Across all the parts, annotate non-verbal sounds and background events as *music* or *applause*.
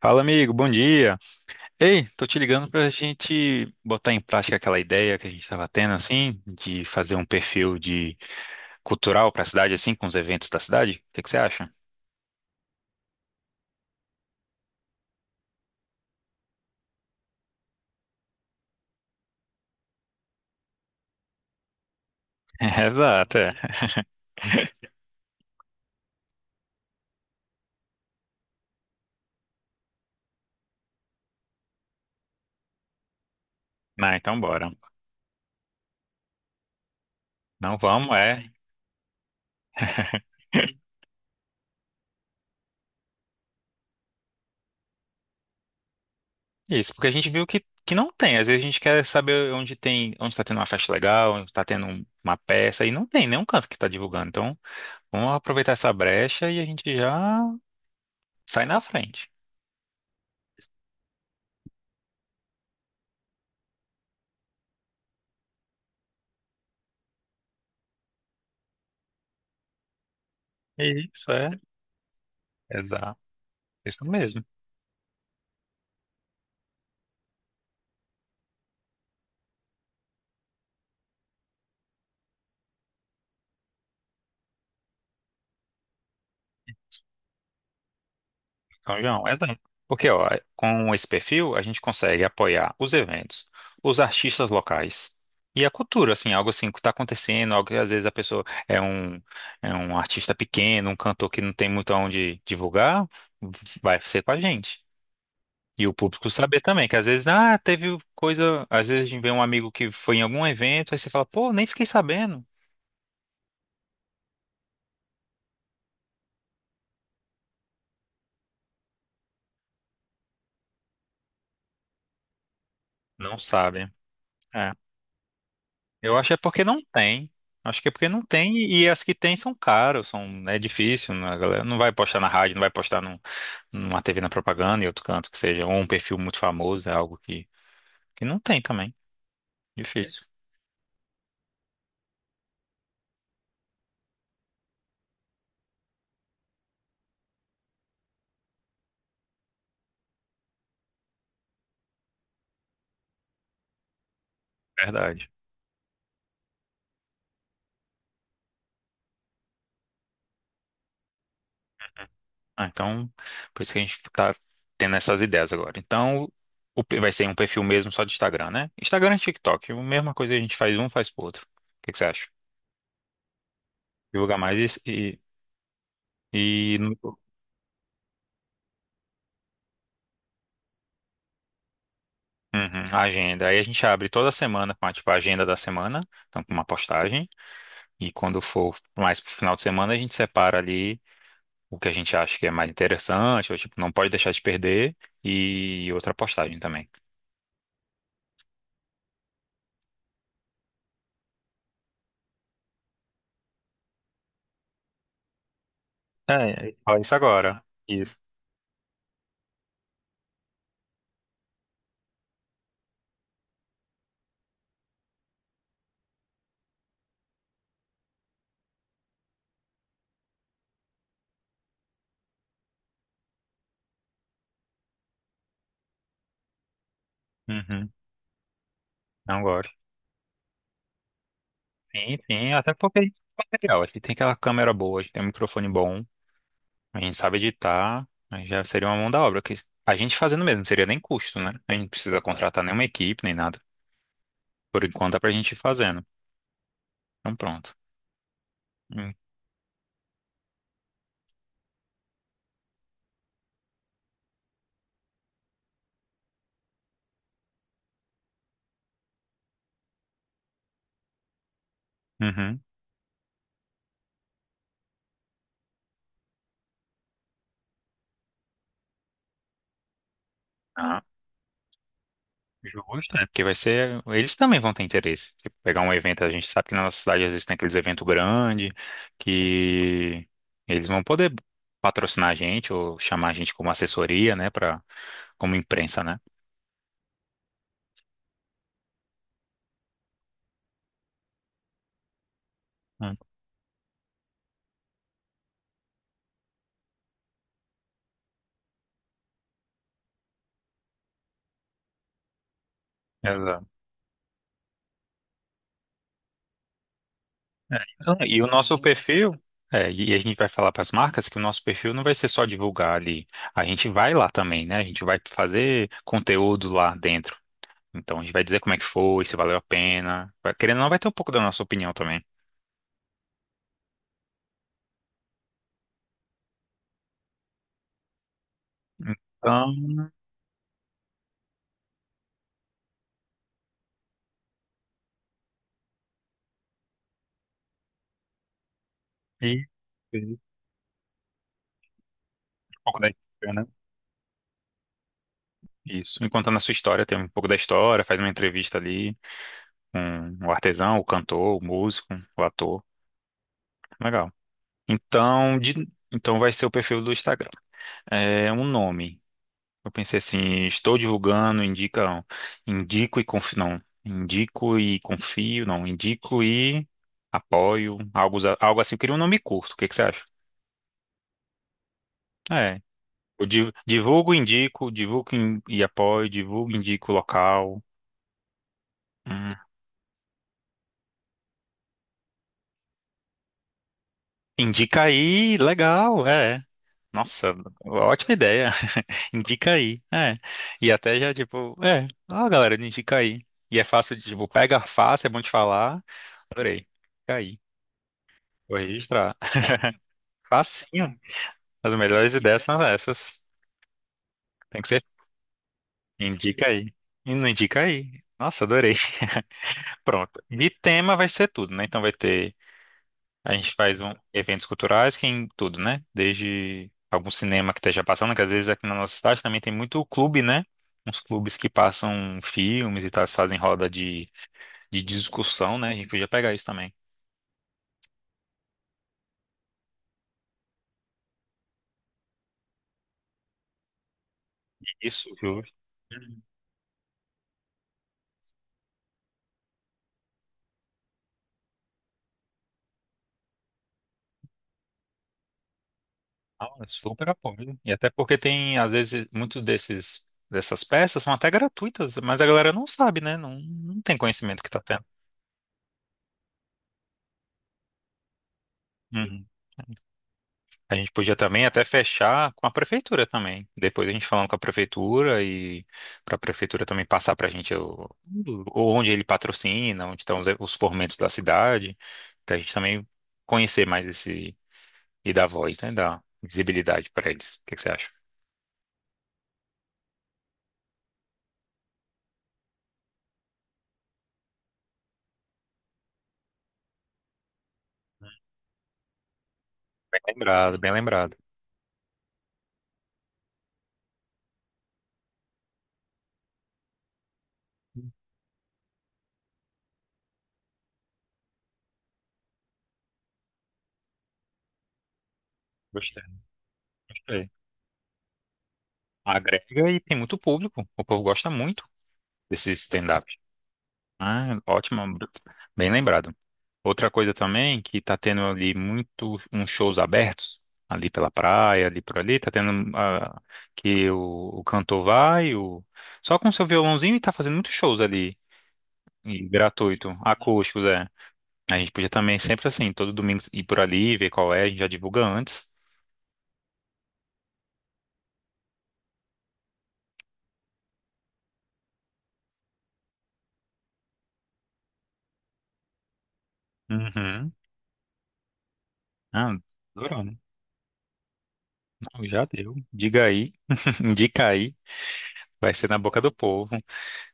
Fala, amigo, bom dia. Ei, tô te ligando pra gente botar em prática aquela ideia que a gente estava tendo, assim, de fazer um perfil de cultural pra cidade, assim, com os eventos da cidade. O que que você acha? *laughs* Exato, é. Não, então bora. Não vamos, é. *laughs* Isso, porque a gente viu que não tem. Às vezes a gente quer saber onde tem, onde está tendo uma festa legal, onde está tendo uma peça, e não tem nenhum canto que está divulgando. Então, vamos aproveitar essa brecha e a gente já sai na frente. Isso, é. Exato. Isso mesmo. Então, João, é exato. Porque ó, com esse perfil a gente consegue apoiar os eventos, os artistas locais e a cultura, assim, algo assim que está acontecendo, algo que às vezes a pessoa é um artista pequeno, um cantor que não tem muito aonde divulgar, vai ser com a gente. E o público saber também, que às vezes, ah, teve coisa, às vezes a gente vê um amigo que foi em algum evento, aí você fala, pô, nem fiquei sabendo. Não sabe. Eu acho que é porque não tem. Acho que é porque não tem e as que tem são caras, são, é difícil, né? A galera não vai postar na rádio, não vai postar num, numa TV na propaganda e outro canto que seja, ou um perfil muito famoso, é algo que não tem também. Difícil. Verdade. Ah, então, por isso que a gente tá tendo essas ideias agora. Então, vai ser um perfil mesmo só de Instagram, né? Instagram e TikTok, a mesma coisa a gente faz um, faz pro outro. O que que você acha? Divulgar mais e uhum, a agenda. Aí a gente abre toda semana com tipo, a agenda da semana, então com uma postagem. E quando for mais pro final de semana, a gente separa ali o que a gente acha que é mais interessante, ou tipo, não pode deixar de perder, e outra postagem também. Olha isso agora. Isso. Uhum, agora. Sim, sim, até porque a gente tem material, a gente tem aquela câmera boa, a gente tem um microfone bom, a gente sabe editar, aí já seria uma mão da obra, que a gente fazendo mesmo, não seria nem custo, né? A gente não precisa contratar nenhuma equipe, nem nada. Por enquanto dá pra gente ir fazendo. Então pronto. Hum. Uhum. Ah, justo, é porque vai ser. Eles também vão ter interesse. Tipo, pegar um evento, a gente sabe que na nossa cidade às vezes tem aqueles eventos grandes que eles vão poder patrocinar a gente ou chamar a gente como assessoria, né? Pra, como imprensa, né? Hum. Exato. É, então, e o nosso perfil. É, e a gente vai falar para as marcas que o nosso perfil não vai ser só divulgar ali. A gente vai lá também, né? A gente vai fazer conteúdo lá dentro. Então a gente vai dizer como é que foi, se valeu a pena. Querendo ou não, vai ter um pouco da nossa opinião também. Então, isso, isso, um pouco da história, né? Isso. Enquanto na sua história, tem um pouco da história, faz uma entrevista ali com o artesão, o cantor, o músico, o ator. Legal. Então, então vai ser o perfil do Instagram. É um nome. Eu pensei assim, estou divulgando, indica, indico e confio, não, indico e confio, não, indico e apoio, algo, algo assim. Eu queria um nome curto. O que que você acha? É. Divulgo, indico, divulgo in- e apoio, divulgo, indico o local. Hum. Indica aí, legal, é. Nossa, ótima ideia. *laughs* Indica aí, é. E até já, tipo, é. Ó, galera, indica aí. E é fácil de, tipo, pega fácil, é bom de falar. Adorei. Indica aí. Vou registrar. *laughs* Facinho. As melhores ideias são essas. Tem que ser assim. Indica aí. E não indica aí. Nossa, adorei. *laughs* Pronto. De tema vai ser tudo, né? Então vai ter. A gente faz um, eventos culturais que é em tudo, né? Desde algum cinema que esteja passando, que às vezes aqui na nossa cidade também tem muito clube, né? Uns clubes que passam filmes e tal, fazem de discussão, né? A gente podia pegar isso também. Isso, viu? Uhum. Ah, super apoio. E até porque tem, às vezes, muitos desses dessas peças são até gratuitas, mas a galera não sabe, né? Não tem conhecimento que tá tendo. Uhum. A gente podia também até fechar com a prefeitura também. Depois a gente falando com a prefeitura e para a prefeitura também passar para a gente onde ele patrocina, onde estão os formentos da cidade, para a gente também conhecer mais esse e dar voz, né? Dar visibilidade para eles. O que que você acha? Bem lembrado, bem lembrado. Gostei, gostei. Agrega e tem muito público. O povo gosta muito desse stand-up. Ah, ótimo, bem lembrado. Outra coisa também que tá tendo ali muito uns shows abertos ali pela praia, ali por ali, que o, o cantor vai, o, só com seu violãozinho e tá fazendo muitos shows ali e gratuito, acústicos, é. A gente podia também sempre assim, todo domingo ir por ali, ver qual é, a gente já divulga antes. Uhum. Ah, adorando. Não, já deu. Diga aí, *laughs* indica aí. Vai ser na boca do povo.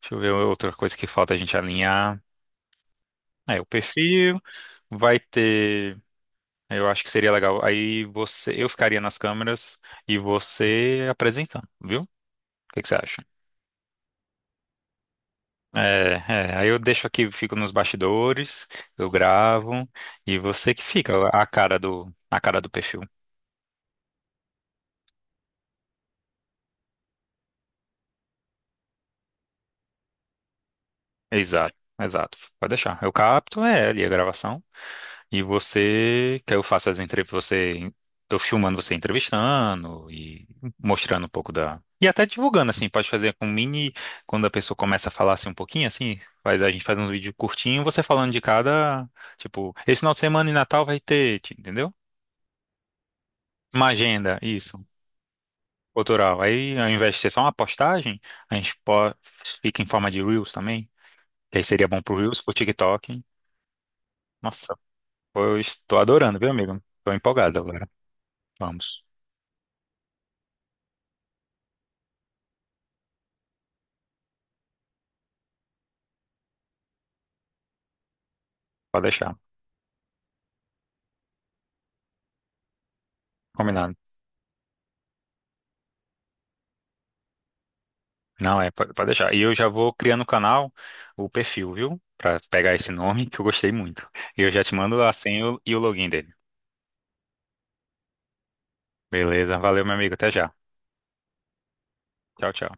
Deixa eu ver outra coisa que falta a gente alinhar. É, o perfil vai ter. Eu acho que seria legal. Aí você, eu ficaria nas câmeras e você apresentando, viu? O que que você acha? É, é, aí eu deixo aqui, fico nos bastidores, eu gravo e você que fica a cara do perfil. Exato, exato. Pode deixar. Eu capto, é, ali a gravação. E você, que eu faço as entrevistas, você, eu filmando você entrevistando e mostrando um pouco da. E até divulgando, assim, pode fazer com mini, quando a pessoa começa a falar assim um pouquinho, assim, a gente faz um vídeo curtinho, você falando de cada, tipo, esse final de semana e Natal vai ter, entendeu? Uma agenda, isso, cultural. Aí, ao invés de ser só uma postagem, a gente po- fica em forma de Reels também, que aí seria bom pro Reels, pro TikTok. Nossa, eu estou adorando, viu, amigo? Estou empolgado agora. Vamos, pode deixar. Combinado. Não, é, pode, pode deixar. E eu já vou criando o canal, o perfil, viu? Pra pegar esse nome, *laughs* que eu gostei muito. E eu já te mando a senha e o login dele. Beleza, valeu, meu amigo. Até já. Tchau, tchau.